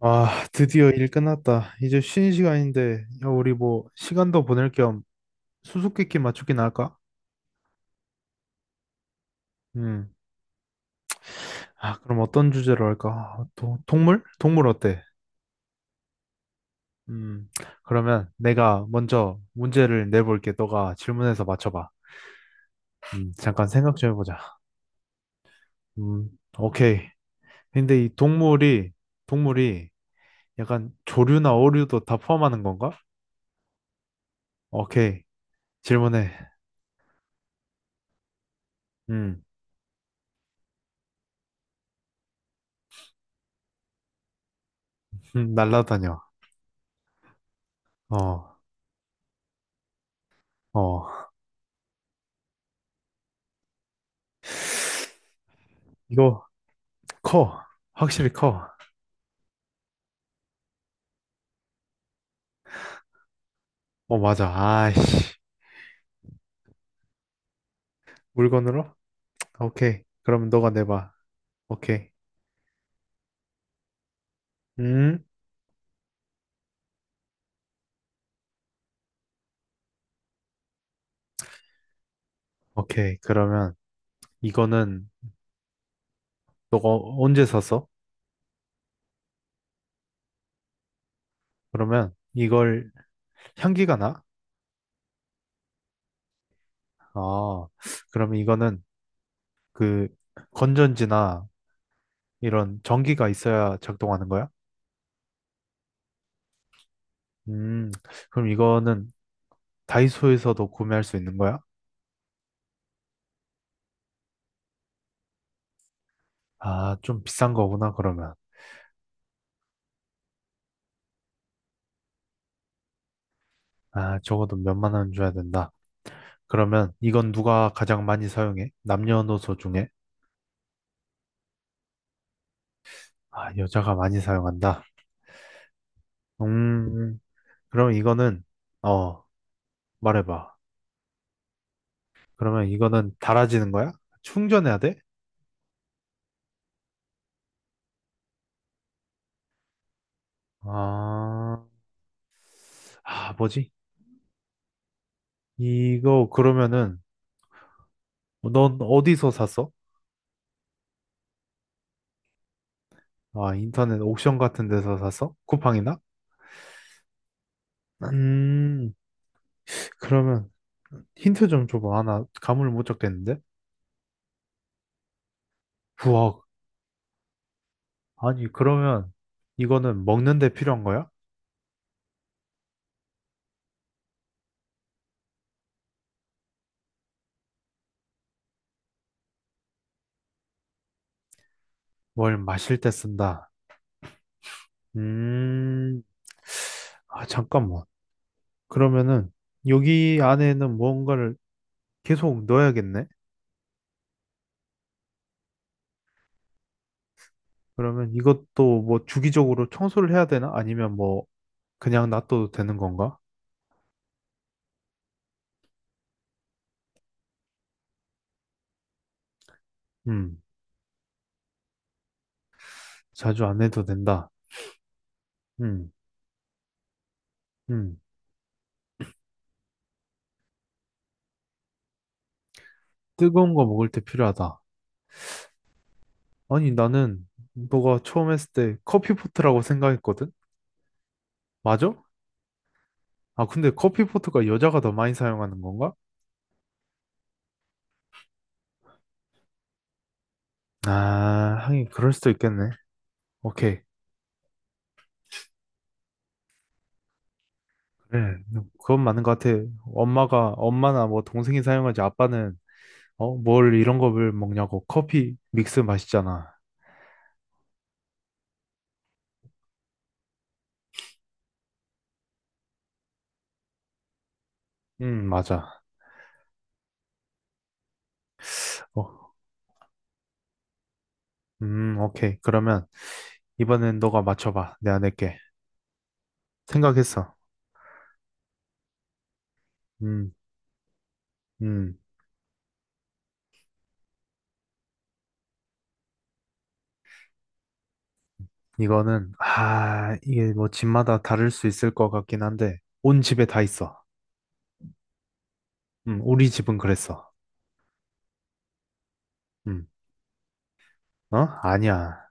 아, 드디어 일 끝났다. 이제 쉬는 시간인데, 야, 우리 뭐, 시간도 보낼 겸 수수께끼 맞추기나 할까? 음. 아, 그럼 어떤 주제로 할까? 아, 동물? 동물 어때? 음. 그러면 내가 먼저 문제를 내볼게. 너가 질문해서 맞춰봐. 잠깐 생각 좀 해보자. 음, 오케이. 근데 이 동물이, 동물이 약간 조류나 어류도 다 포함하는 건가? 오케이. 질문해. 음, 날라다녀. 어, 어. 이거 커. 확실히 커. 어, 맞아. 아이씨. 물건으로? 오케이. 그러면 너가 내봐. 오케이. 음? 오케이. 그러면 이거는 너가 언제 샀어? 그러면 이걸 향기가 나? 아, 그러면 이거는 그 건전지나 이런 전기가 있어야 작동하는 거야? 음, 그럼 이거는 다이소에서도 구매할 수 있는 거야? 아, 좀 비싼 거구나, 그러면. 아, 적어도 몇만 원 줘야 된다. 그러면 이건 누가 가장 많이 사용해? 남녀노소 중에? 아, 여자가 많이 사용한다. 음, 그럼 이거는, 어, 말해봐. 그러면 이거는 달아지는 거야? 충전해야 돼? 아, 아, 뭐지? 이거 그러면은, 넌 어디서 샀어? 아, 인터넷 옥션 같은 데서 샀어? 쿠팡이나? 음, 그러면 힌트 좀 줘봐. 아, 나 감을 못 잡겠는데? 우와, 아니, 그러면 이거는 먹는 데 필요한 거야? 뭘 마실 때 쓴다. 음, 아, 잠깐만. 그러면은 여기 안에는 무언가를 계속 넣어야겠네? 그러면 이것도 뭐 주기적으로 청소를 해야 되나? 아니면 뭐 그냥 놔둬도 되는 건가? 음, 자주 안 해도 된다. 음, 음, 뜨거운 거 먹을 때 필요하다. 아니, 나는 너가 처음 했을 때 커피포트라고 생각했거든? 맞아? 아, 근데 커피포트가 여자가 더 많이 사용하는 건가? 아, 하긴 그럴 수도 있겠네. 오케이. 네, 네, 그건 맞는 것 같아. 엄마나 뭐 동생이 사용하지 아빠는, 어, 뭘 이런 거를 먹냐고. 커피 믹스 마시잖아. 맞아. 어, 오케이. 그러면 이번엔 너가 맞춰봐. 내가 낼게. 생각했어. 음, 음. 아, 이게 뭐 집마다 다를 수 있을 것 같긴 한데, 온 집에 다 있어. 우리 집은 그랬어. 음, 어? 아니야.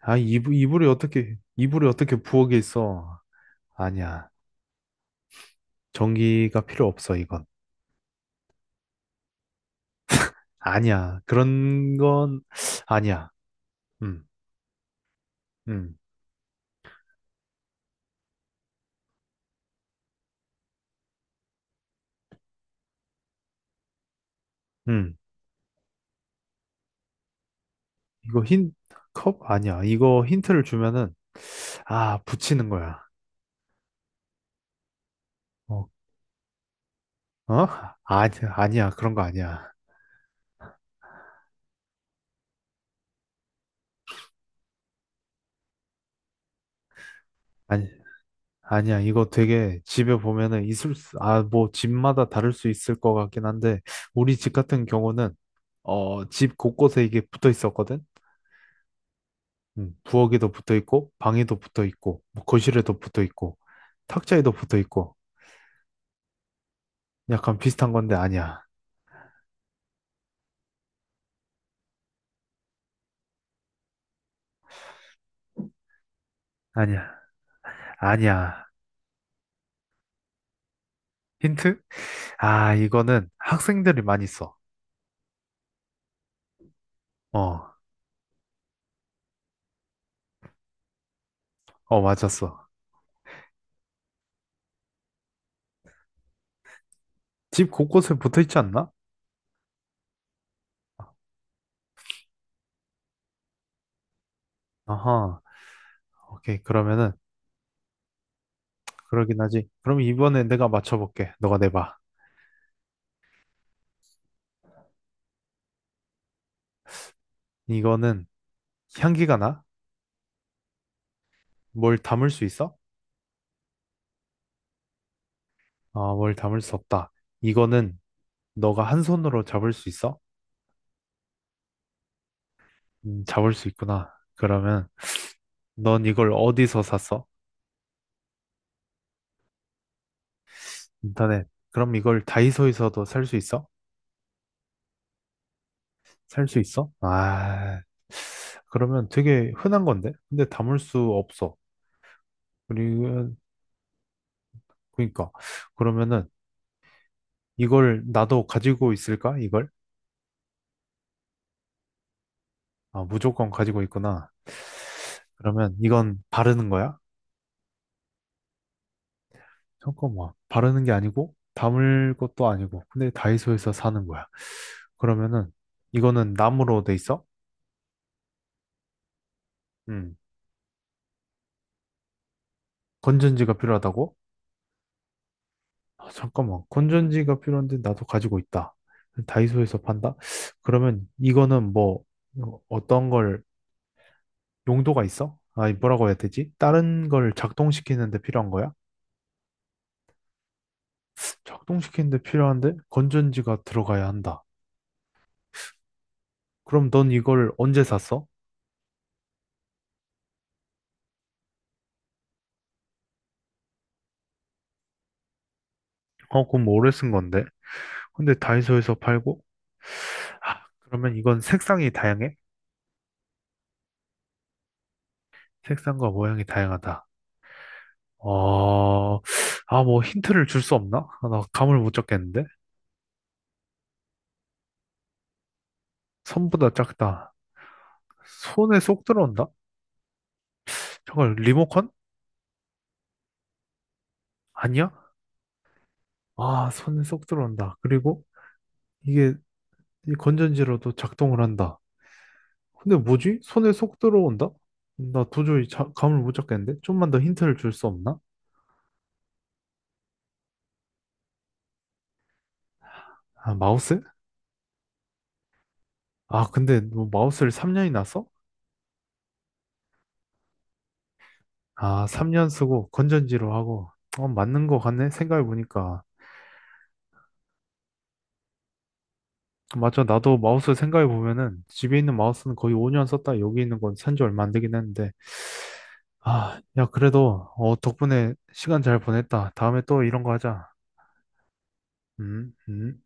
아, 이불이 어떻게 부엌에 있어. 아니야. 전기가 필요 없어, 이건. 아니야. 그런 건 아니야. 음, 음, 음. 이거 컵? 아니야. 이거 힌트를 주면은, 아, 붙이는 거야. 어? 어? 아니, 아니야. 그런 거 아니야. 아니, 아니야. 이거 되게 집에 보면은 아, 뭐, 집마다 다를 수 있을 것 같긴 한데, 우리 집 같은 경우는, 어, 집 곳곳에 이게 붙어 있었거든? 부엌에도 붙어 있고, 방에도 붙어 있고, 뭐 거실에도 붙어 있고, 탁자에도 붙어 있고, 약간 비슷한 건데 아니야. 아니야. 아니야. 힌트? 아, 이거는 학생들이 많이 써. 어, 어, 맞았어. 집 곳곳에 붙어 있지 않나? 아하. 오케이. 그러면은, 그러긴 하지. 그럼 이번에 내가 맞춰볼게. 너가 내봐. 이거는 향기가 나? 뭘 담을 수 있어? 아, 뭘 담을 수 없다. 이거는 너가 한 손으로 잡을 수 있어? 잡을 수 있구나. 그러면 넌 이걸 어디서 샀어? 인터넷. 그럼 이걸 다이소에서도 살 수 있어? 살 수 있어? 아, 그러면 되게 흔한 건데? 근데 담을 수 없어. 그리고, 그러니까. 그러면은 이걸 나도 가지고 있을까? 이걸? 아, 무조건 가지고 있구나. 그러면 이건 바르는 거야? 잠깐만. 바르는 게 아니고, 담을 것도 아니고, 근데 다이소에서 사는 거야. 그러면은 이거는 나무로 돼 있어? 음. 건전지가 필요하다고? 아, 잠깐만. 건전지가 필요한데 나도 가지고 있다. 다이소에서 판다? 그러면 이거는 뭐 어떤 걸 용도가 있어? 아 뭐라고 해야 되지? 다른 걸 작동시키는데 필요한 거야? 작동시키는데 필요한데 건전지가 들어가야 한다. 그럼 넌 이걸 언제 샀어? 어, 그럼 오래 쓴 건데. 근데 다이소에서 팔고? 아, 그러면 이건 색상이 다양해? 색상과 모양이 다양하다. 어, 아, 뭐 힌트를 줄 수 없나? 아, 나 감을 못 잡겠는데? 손보다 작다. 손에 쏙 들어온다? 잠깐, 리모컨? 아니야? 아, 손에 쏙 들어온다. 그리고 이게 이 건전지로도 작동을 한다. 근데 뭐지? 손에 쏙 들어온다? 나 도저히 감을 못 잡겠는데? 좀만 더 힌트를 줄 수 없나? 아, 마우스? 아, 근데 너 마우스를 3년이나 써? 아, 3년 쓰고 건전지로 하고. 어, 맞는 거 같네? 생각해보니까. 맞아. 나도 마우스 생각해 보면은 집에 있는 마우스는 거의 5년 썼다. 여기 있는 건 산지 얼마 안 되긴 했는데. 아, 야, 그래도 어, 덕분에 시간 잘 보냈다. 다음에 또 이런 거 하자. 음, 음.